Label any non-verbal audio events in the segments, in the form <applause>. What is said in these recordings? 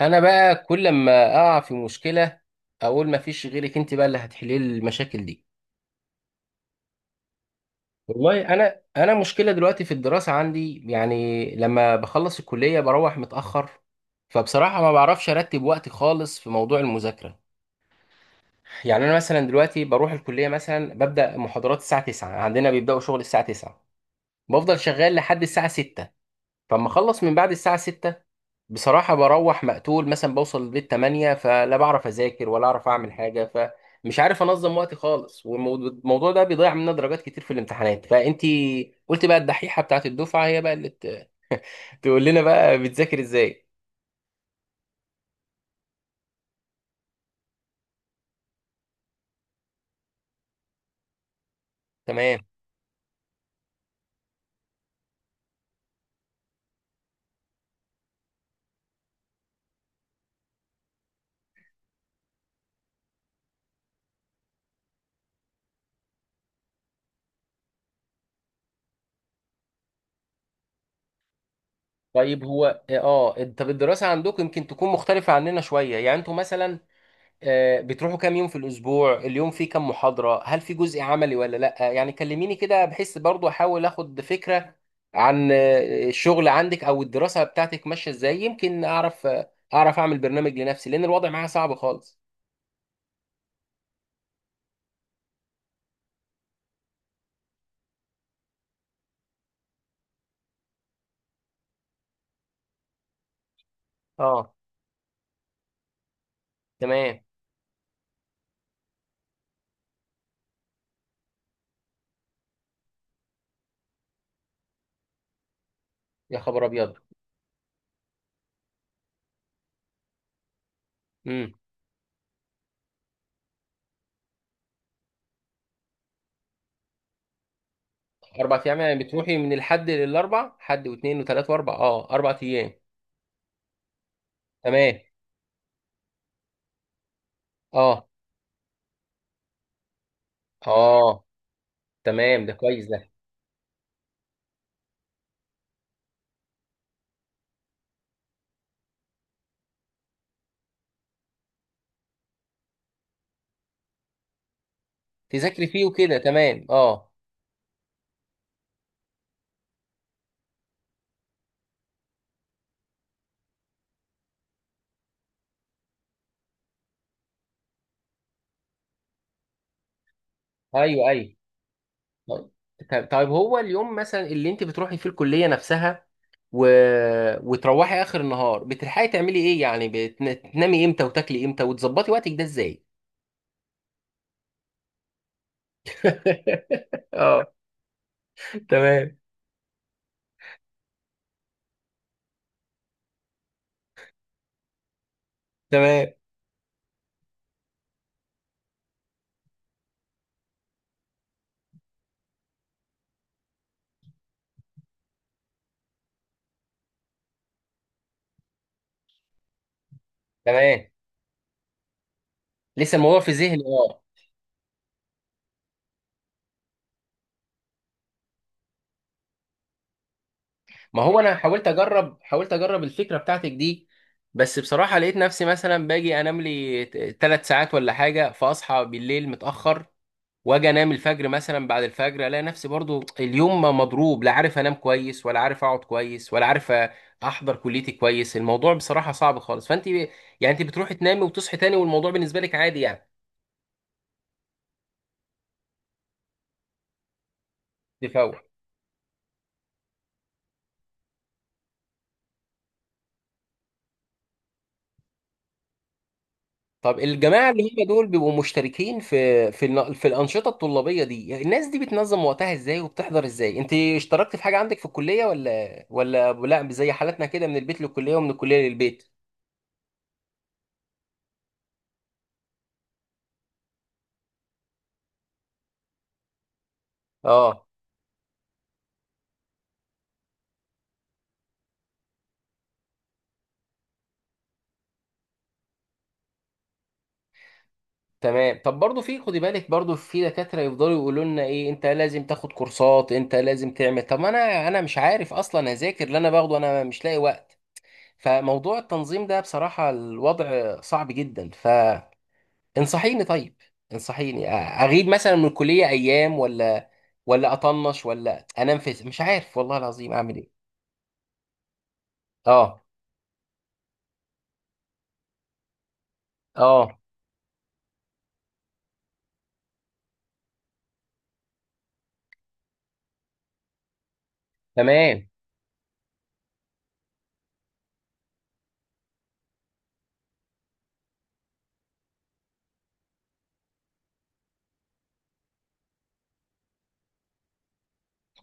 انا بقى كل ما اقع في مشكله، اقول ما فيش غيرك انت بقى اللي هتحلي لي المشاكل دي. والله انا مشكله دلوقتي في الدراسه عندي، يعني لما بخلص الكليه بروح متاخر، فبصراحه ما بعرفش ارتب وقتي خالص في موضوع المذاكره. يعني انا مثلا دلوقتي بروح الكليه، مثلا ببدا محاضرات الساعه 9، عندنا بيبداوا شغل الساعه 9، بفضل شغال لحد الساعه 6، فاما اخلص من بعد الساعه 6 بصراحه بروح مقتول، مثلا بوصل البيت 8، فلا بعرف اذاكر ولا اعرف اعمل حاجه. فمش عارف انظم وقتي خالص، والموضوع ده بيضيع مننا درجات كتير في الامتحانات. فانتي قلت بقى الدحيحه بتاعت الدفعه هي بقى اللي تقول لنا بقى بتذاكر ازاي؟ تمام. طيب هو طب الدراسه عندكم يمكن تكون مختلفه عننا شويه، يعني انتوا مثلا بتروحوا كام يوم في الأسبوع؟ اليوم فيه كام محاضرة؟ هل في جزء عملي ولا لأ؟ يعني كلميني كده، بحيث برضو أحاول أخد فكرة عن الشغل عندك أو الدراسة بتاعتك ماشية إزاي، يمكن أعرف، أعرف أعمل برنامج لنفسي، لأن الوضع معايا صعب خالص. أه، تمام. يا خبر أبيض. امم 4 أيام يعني؟ بتروحي من الحد للأربع؟ حد واثنين وثلاث وأربع، 4 أيام. تمام، أه. أه، تمام، ده كويس ده. تذاكري فيه وكده، تمام، أه. أيوه، أيوه. طيب، طيب، طيب. هو اليوم مثلا اللي انت بتروحي فيه الكليه نفسها، و... وتروحي اخر النهار، بتلحقي تعملي ايه؟ يعني بتنامي امتى، وتاكلي امتى، وتظبطي وقتك ده ازاي؟ <laughs> اه، تمام. تمام، تمام. لسه الموضوع في ذهني، اه. ما هو انا حاولت اجرب الفكره بتاعتك دي، بس بصراحه لقيت نفسي مثلا باجي انام لي 3 ساعات ولا حاجه، فاصحى بالليل متاخر، واجي انام الفجر، مثلا بعد الفجر الاقي نفسي برضو اليوم ما مضروب، لا عارف انام كويس، ولا عارف اقعد كويس، ولا عارف احضر كليتي كويس. الموضوع بصراحة صعب خالص. يعني انت بتروحي تنامي وتصحي تاني، والموضوع بالنسبة لك عادي يعني؟ تفوق. طب الجماعة اللي هم دول بيبقوا مشتركين في الأنشطة الطلابية دي، الناس دي بتنظم وقتها ازاي؟ وبتحضر ازاي؟ انت اشتركت في حاجة عندك في الكلية ولا، لا، زي حالتنا كده من البيت للكلية ومن الكلية للبيت؟ اه، تمام. طب برضو، في خدي بالك، برضو في دكاترة يفضلوا يقولوا لنا ايه، انت لازم تاخد كورسات، انت لازم تعمل، طب ما انا مش عارف اصلا اذاكر اللي انا باخده، انا مش لاقي وقت. فموضوع التنظيم ده بصراحة الوضع صعب جدا. فانصحيني، طيب انصحيني، اغيب مثلا من الكلية ايام، ولا اطنش، ولا انام، في مش عارف، والله العظيم اعمل ايه. اه، اه، تمام.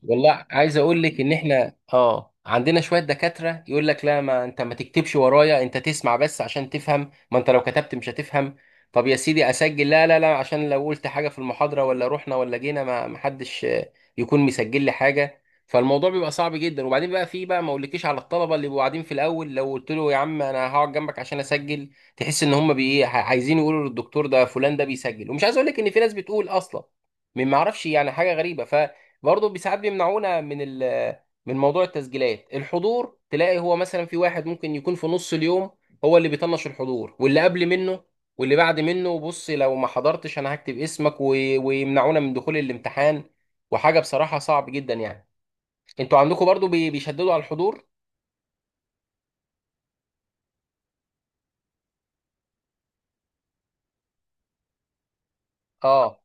والله عايز اقول لك ان احنا عندنا شويه دكاتره يقول لك لا، ما انت ما تكتبش ورايا، انت تسمع بس عشان تفهم، ما انت لو كتبت مش هتفهم. طب يا سيدي اسجل. لا، لا، لا، عشان لو قلت حاجه في المحاضره ولا رحنا ولا جينا، ما حدش يكون مسجل لي حاجه. فالموضوع بيبقى صعب جدا. وبعدين بقى، في بقى، ما اقولكيش على الطلبه اللي بيبقوا قاعدين في الاول، لو قلت له يا عم انا هقعد جنبك عشان اسجل، تحس ان هم عايزين يقولوا للدكتور ده فلان ده بيسجل. ومش عايز اقول لك ان في ناس بتقول اصلا، من، ما اعرفش يعني، حاجه غريبه. برضه ساعات بيمنعونا من موضوع التسجيلات. الحضور تلاقي هو مثلا في واحد ممكن يكون في نص اليوم هو اللي بيطنش الحضور، واللي قبل منه واللي بعد منه، بص لو ما حضرتش انا هكتب اسمك ويمنعونا من دخول الامتحان. وحاجة بصراحة صعب جدا يعني. انتوا عندكم برضه بيشددوا على الحضور؟ اه،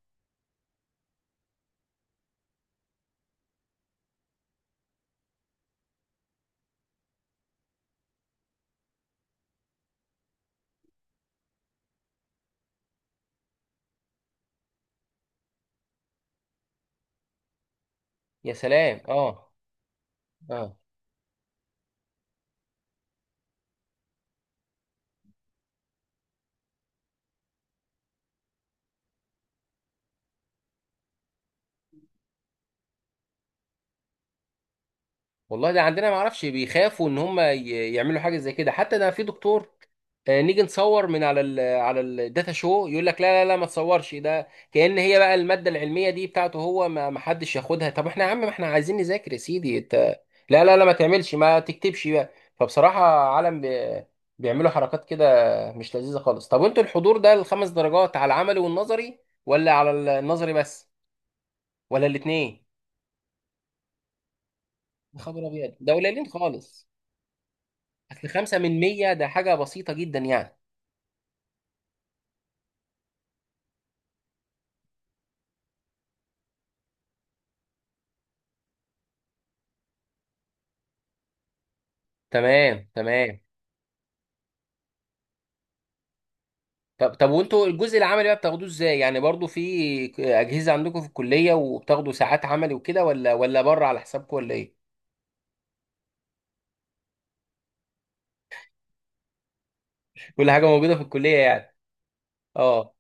يا سلام، اه، اه. والله ده عندنا ما اعرفش، بيخافوا ان هم يعملوا حاجه زي كده. حتى ده في دكتور نيجي نصور من على ال على الداتا شو، يقول لك لا، لا، لا، ما تصورش، ده كأن هي بقى الماده العلميه دي بتاعته هو، ما حدش ياخدها. طب احنا يا عم ما احنا عايزين نذاكر، يا سيدي انت، لا، لا، لا، ما تعملش، ما تكتبش بقى. فبصراحه عالم بيعملوا حركات كده مش لذيذه خالص. طب وانتوا الحضور ده الخمس درجات على العملي والنظري، ولا على النظري بس، ولا الاثنين؟ خبر ابيض، ده قليلين خالص. اصل 5 من 100 ده حاجة بسيطة جدا يعني. تمام، تمام. طب، طب، وانتوا الجزء العملي بقى بتاخدوه ازاي؟ يعني برضو في اجهزة عندكم في الكلية وبتاخدوا ساعات عملي وكده، ولا بره على حسابكم، ولا ايه؟ كل حاجة موجودة في الكلية يعني، اه.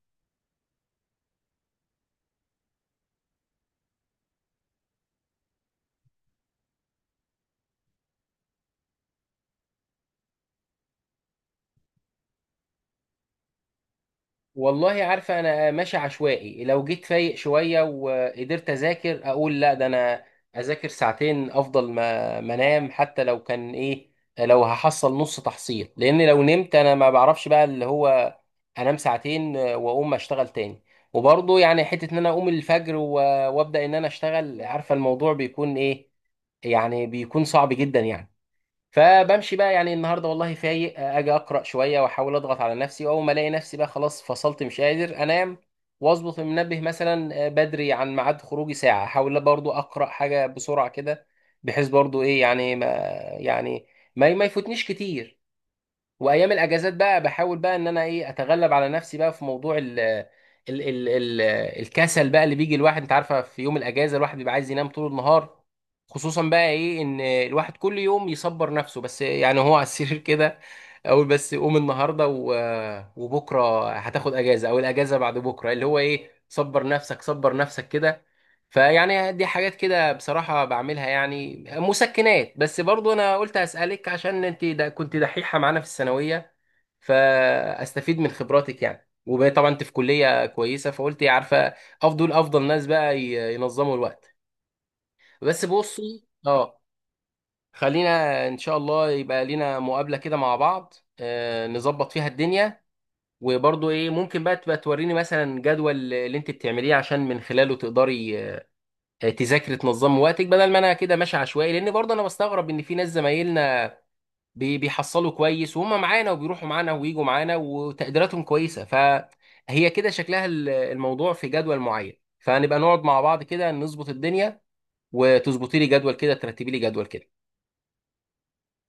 والله عارفة أنا ماشي عشوائي، لو جيت فايق شوية وقدرت أذاكر أقول لا، ده أنا أذاكر ساعتين أفضل ما أنام، حتى لو كان إيه، لو هحصل نص تحصيل، لأن لو نمت أنا ما بعرفش بقى اللي هو، أنام ساعتين وأقوم أشتغل تاني. وبرضه يعني حتة إن أنا أقوم الفجر وأبدأ إن أنا أشتغل، عارفة الموضوع بيكون إيه، يعني بيكون صعب جدا يعني. فبمشي بقى يعني، النهارده والله فايق، اجي اقرا شويه واحاول اضغط على نفسي، واول ما الاقي نفسي بقى خلاص فصلت مش قادر انام، واظبط المنبه مثلا بدري عن ميعاد خروجي ساعه، احاول برضو اقرا حاجه بسرعه كده، بحيث برضو ايه يعني، يعني ما يفوتنيش كتير. وايام الاجازات بقى بحاول بقى ان انا ايه اتغلب على نفسي بقى في موضوع ال ال ال ال الكسل بقى اللي بيجي الواحد. انت عارفه في يوم الاجازه الواحد بيبقى عايز ينام طول النهار. خصوصا بقى ايه ان الواحد كل يوم يصبر نفسه بس يعني، هو على السرير <laughs> كده. اقول بس قوم النهارده وبكره هتاخد اجازه، او الاجازه بعد بكره، اللي هو ايه، صبر نفسك، صبر نفسك كده. فيعني دي حاجات كده بصراحة بعملها يعني مسكنات، بس برضو أنا قلت أسألك عشان أنت دا كنت دحيحة معانا في الثانوية، فأستفيد من خبراتك يعني. وطبعا أنت في كلية كويسة، فقلت يا عارفة، أفضل ناس بقى ينظموا الوقت. بس بصي، أه. خلينا إن شاء الله يبقى لينا مقابلة كده مع بعض، نظبط فيها الدنيا، وبرضو إيه ممكن بقى تبقى توريني مثلا جدول اللي أنت بتعمليه، عشان من خلاله تقدري تذاكري، تنظمي وقتك بدل ما انا كده ماشي عشوائي. لان برضه انا بستغرب ان في ناس زمايلنا بيحصلوا كويس وهم معانا، وبيروحوا معانا ويجوا معانا وتقديراتهم كويسه، فهي كده شكلها الموضوع في جدول معين. فنبقى نقعد مع بعض كده نظبط الدنيا، وتظبطي لي جدول كده، ترتبي لي جدول كده.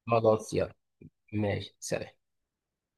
خلاص يلا، ماشي، سلام.